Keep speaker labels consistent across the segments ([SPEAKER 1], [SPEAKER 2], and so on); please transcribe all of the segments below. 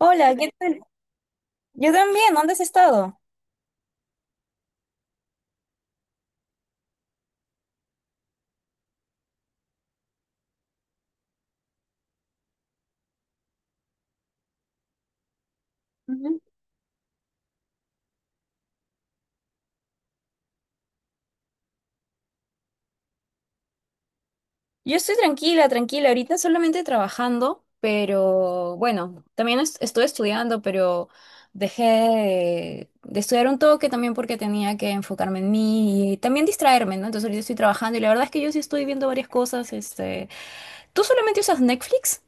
[SPEAKER 1] Hola, ¿qué tal? Yo también, ¿dónde has estado? Ujú. Yo estoy tranquila, tranquila. Ahorita solamente trabajando, pero bueno, también estoy estudiando, pero dejé de estudiar un toque también porque tenía que enfocarme en mí y también distraerme, ¿no? Entonces ahorita estoy trabajando y la verdad es que yo sí estoy viendo varias cosas. Este, ¿tú solamente usas Netflix?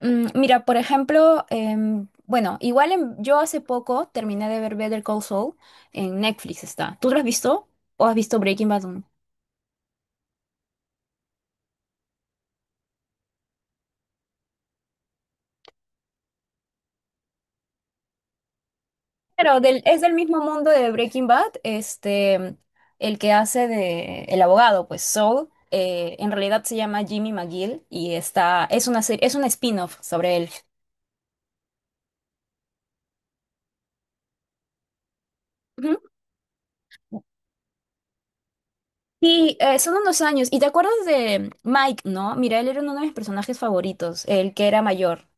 [SPEAKER 1] Mira, por ejemplo, bueno, igual yo hace poco terminé de ver Better Call Saul en Netflix está. ¿Tú lo has visto o has visto Breaking Bad? Pero es del mismo mundo de Breaking Bad, este, el que hace de el abogado, pues Saul, en realidad se llama Jimmy McGill y está, es una serie, es un spin-off sobre él. Ujú. Sí, son unos años. ¿Y te acuerdas de Mike, no? Mira, él era uno de mis personajes favoritos, el que era mayor.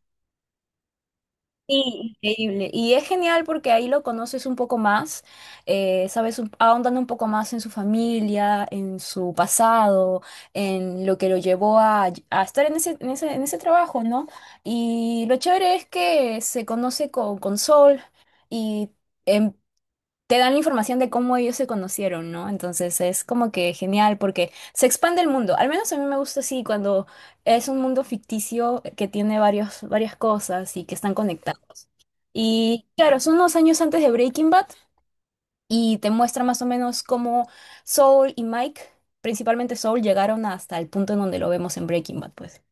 [SPEAKER 1] Sí, increíble. Y es genial porque ahí lo conoces un poco más, sabes, ahondando un poco más en su familia, en su pasado, en lo que lo llevó a estar en ese trabajo, ¿no? Y lo chévere es que se conoce con Sol y em, te dan la información de cómo ellos se conocieron, ¿no? Entonces es como que genial porque se expande el mundo. Al menos a mí me gusta así cuando es un mundo ficticio, que tiene varias cosas y que están conectados. Y claro, son unos años antes de Breaking Bad y te muestra más o menos cómo Saul y Mike, principalmente Saul, llegaron hasta el punto en donde lo vemos en Breaking Bad, pues.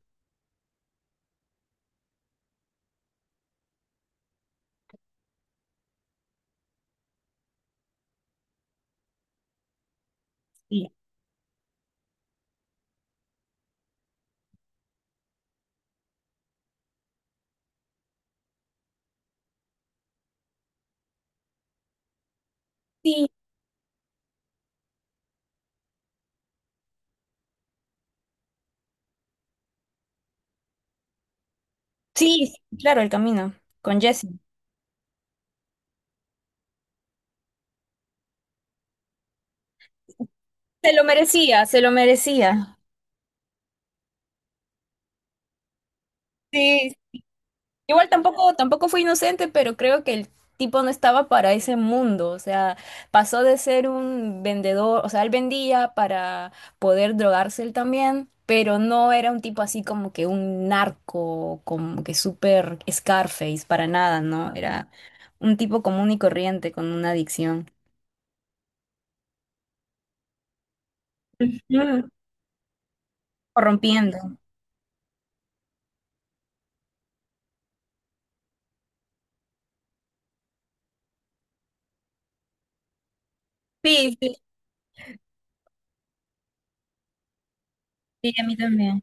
[SPEAKER 1] Sí, sí, sí, claro, el camino con Jesse. Se lo merecía, se lo merecía. Sí, igual tampoco fue inocente, pero creo que el tipo no estaba para ese mundo. O sea, pasó de ser un vendedor, o sea, él vendía para poder drogarse él también, pero no era un tipo así como que un narco, como que súper Scarface, para nada, ¿no? Era un tipo común y corriente con una adicción. Ujú. Corrompiendo. Sí, sí, sí, a mí también.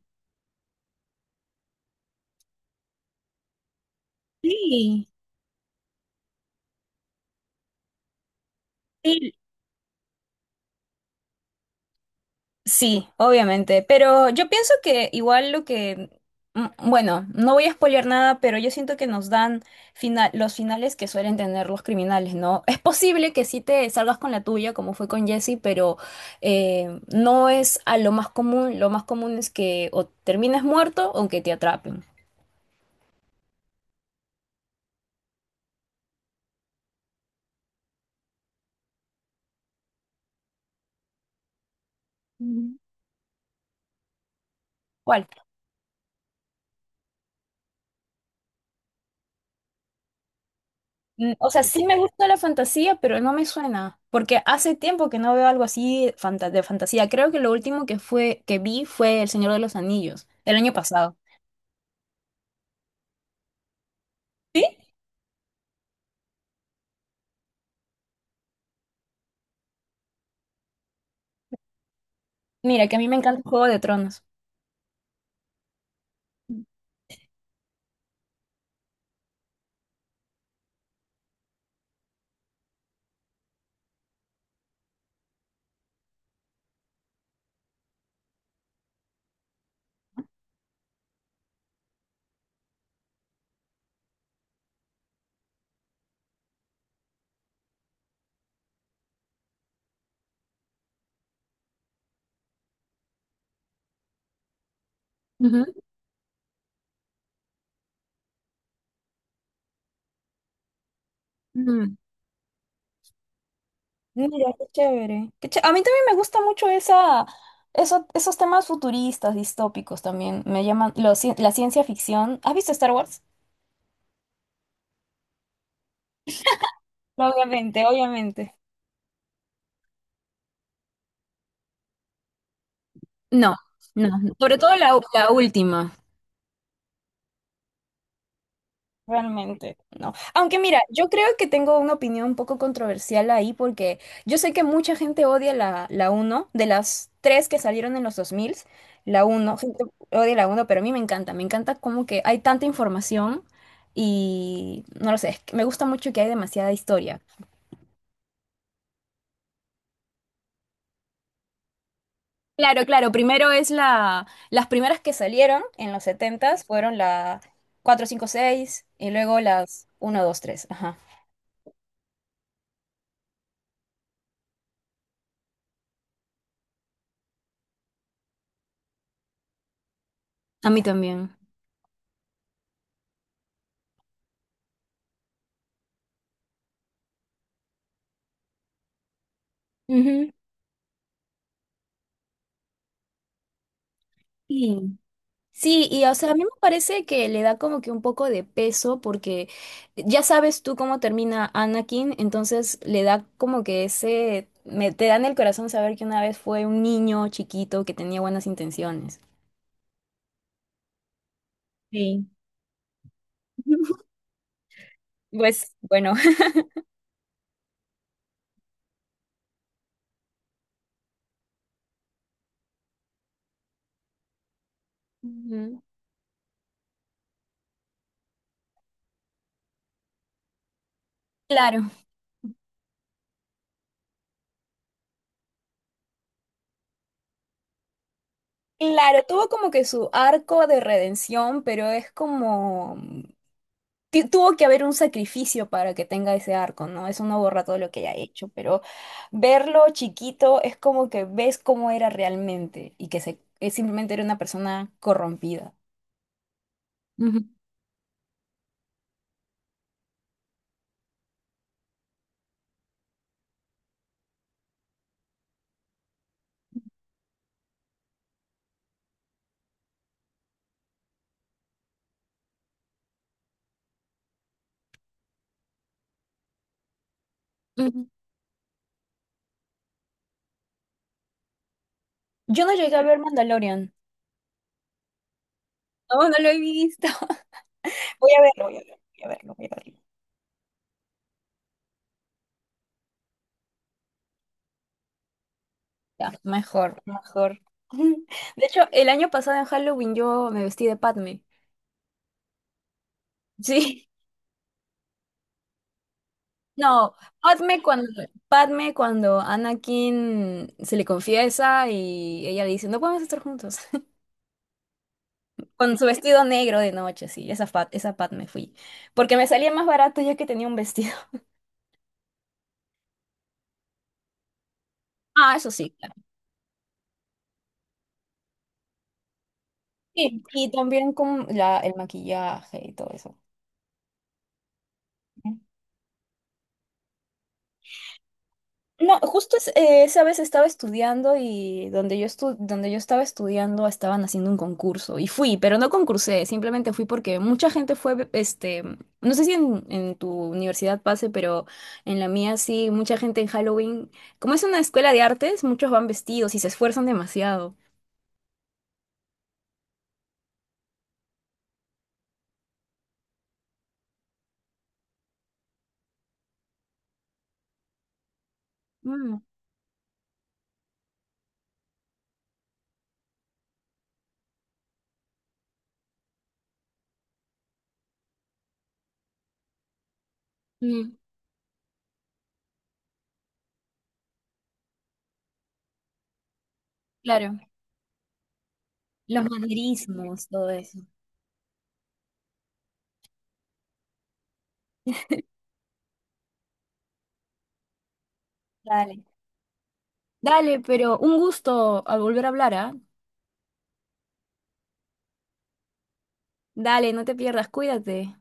[SPEAKER 1] Sí, sí, sí, obviamente, pero yo pienso que igual lo que, bueno, no voy a spoilear nada, pero yo siento que nos dan los finales que suelen tener los criminales, ¿no? Es posible que sí te salgas con la tuya, como fue con Jesse, pero no es a lo más común. Lo más común es que o termines muerto o que te atrapen. Ujú. ¿Cuál? O sea, sí me gusta la fantasía, pero no me suena, porque hace tiempo que no veo algo así de fantasía. Creo que lo último que fue que vi fue El Señor de los Anillos, el año pasado. ¿Sí? Mira, que a mí me encanta el Juego de Tronos. Ujú. Mm. Mira, qué chévere. A mí también me gusta mucho esos temas futuristas, distópicos también. Me llaman la ciencia ficción. ¿Has visto Star Wars? Obviamente, obviamente. No, no, no. Sobre todo la última. Realmente, no. Aunque mira, yo creo que tengo una opinión un poco controversial ahí porque yo sé que mucha gente odia la uno de las tres que salieron en los 2000, la uno gente odia la uno pero a mí me encanta como que hay tanta información y no lo sé, es que me gusta mucho que hay demasiada historia. Claro, claro, primero es las primeras que salieron en los setentas fueron la 4 5 6 y luego las uno dos tres, ajá. A mí también. Ujú. Sí. Sí, y o sea, a mí me parece que le da como que un poco de peso porque ya sabes tú cómo termina Anakin, entonces le da como que ese, me, te da en el corazón saber que una vez fue un niño chiquito que tenía buenas intenciones. Sí. Pues bueno, Ujú. Claro, claro, tuvo como que su arco de redención, pero es como tuvo que haber un sacrificio para que tenga ese arco, ¿no? Eso no borra todo lo que haya hecho, pero verlo chiquito es como que ves cómo era realmente y que se, que simplemente era una persona corrompida. Ujú, ujú. Yo no llegué a ver Mandalorian. No, no lo he visto. Voy a verlo, voy a verlo, voy a verlo, voy a verlo. Ya, mejor, mejor. De hecho, el año pasado en Halloween yo me vestí de Padme. Sí. No, Padme cuando, Padme cuando Anakin se le confiesa y ella le dice, no podemos estar juntos. Con su vestido negro de noche, sí, esa Padme fui. Porque me salía más barato ya que tenía un vestido. Ah, eso sí, claro. Sí, y también con el maquillaje y todo eso. No, justo esa vez estaba estudiando y donde yo donde yo estaba estudiando estaban haciendo un concurso y fui, pero no concursé, simplemente fui porque mucha gente fue, este, no sé si en tu universidad pase, pero en la mía sí, mucha gente en Halloween, como es una escuela de artes, muchos van vestidos y se esfuerzan demasiado. Mm, mm, claro. Los manierismos, todo eso. Dale. Dale, pero un gusto al volver a hablar, ¿ah? Dale, no te pierdas, cuídate.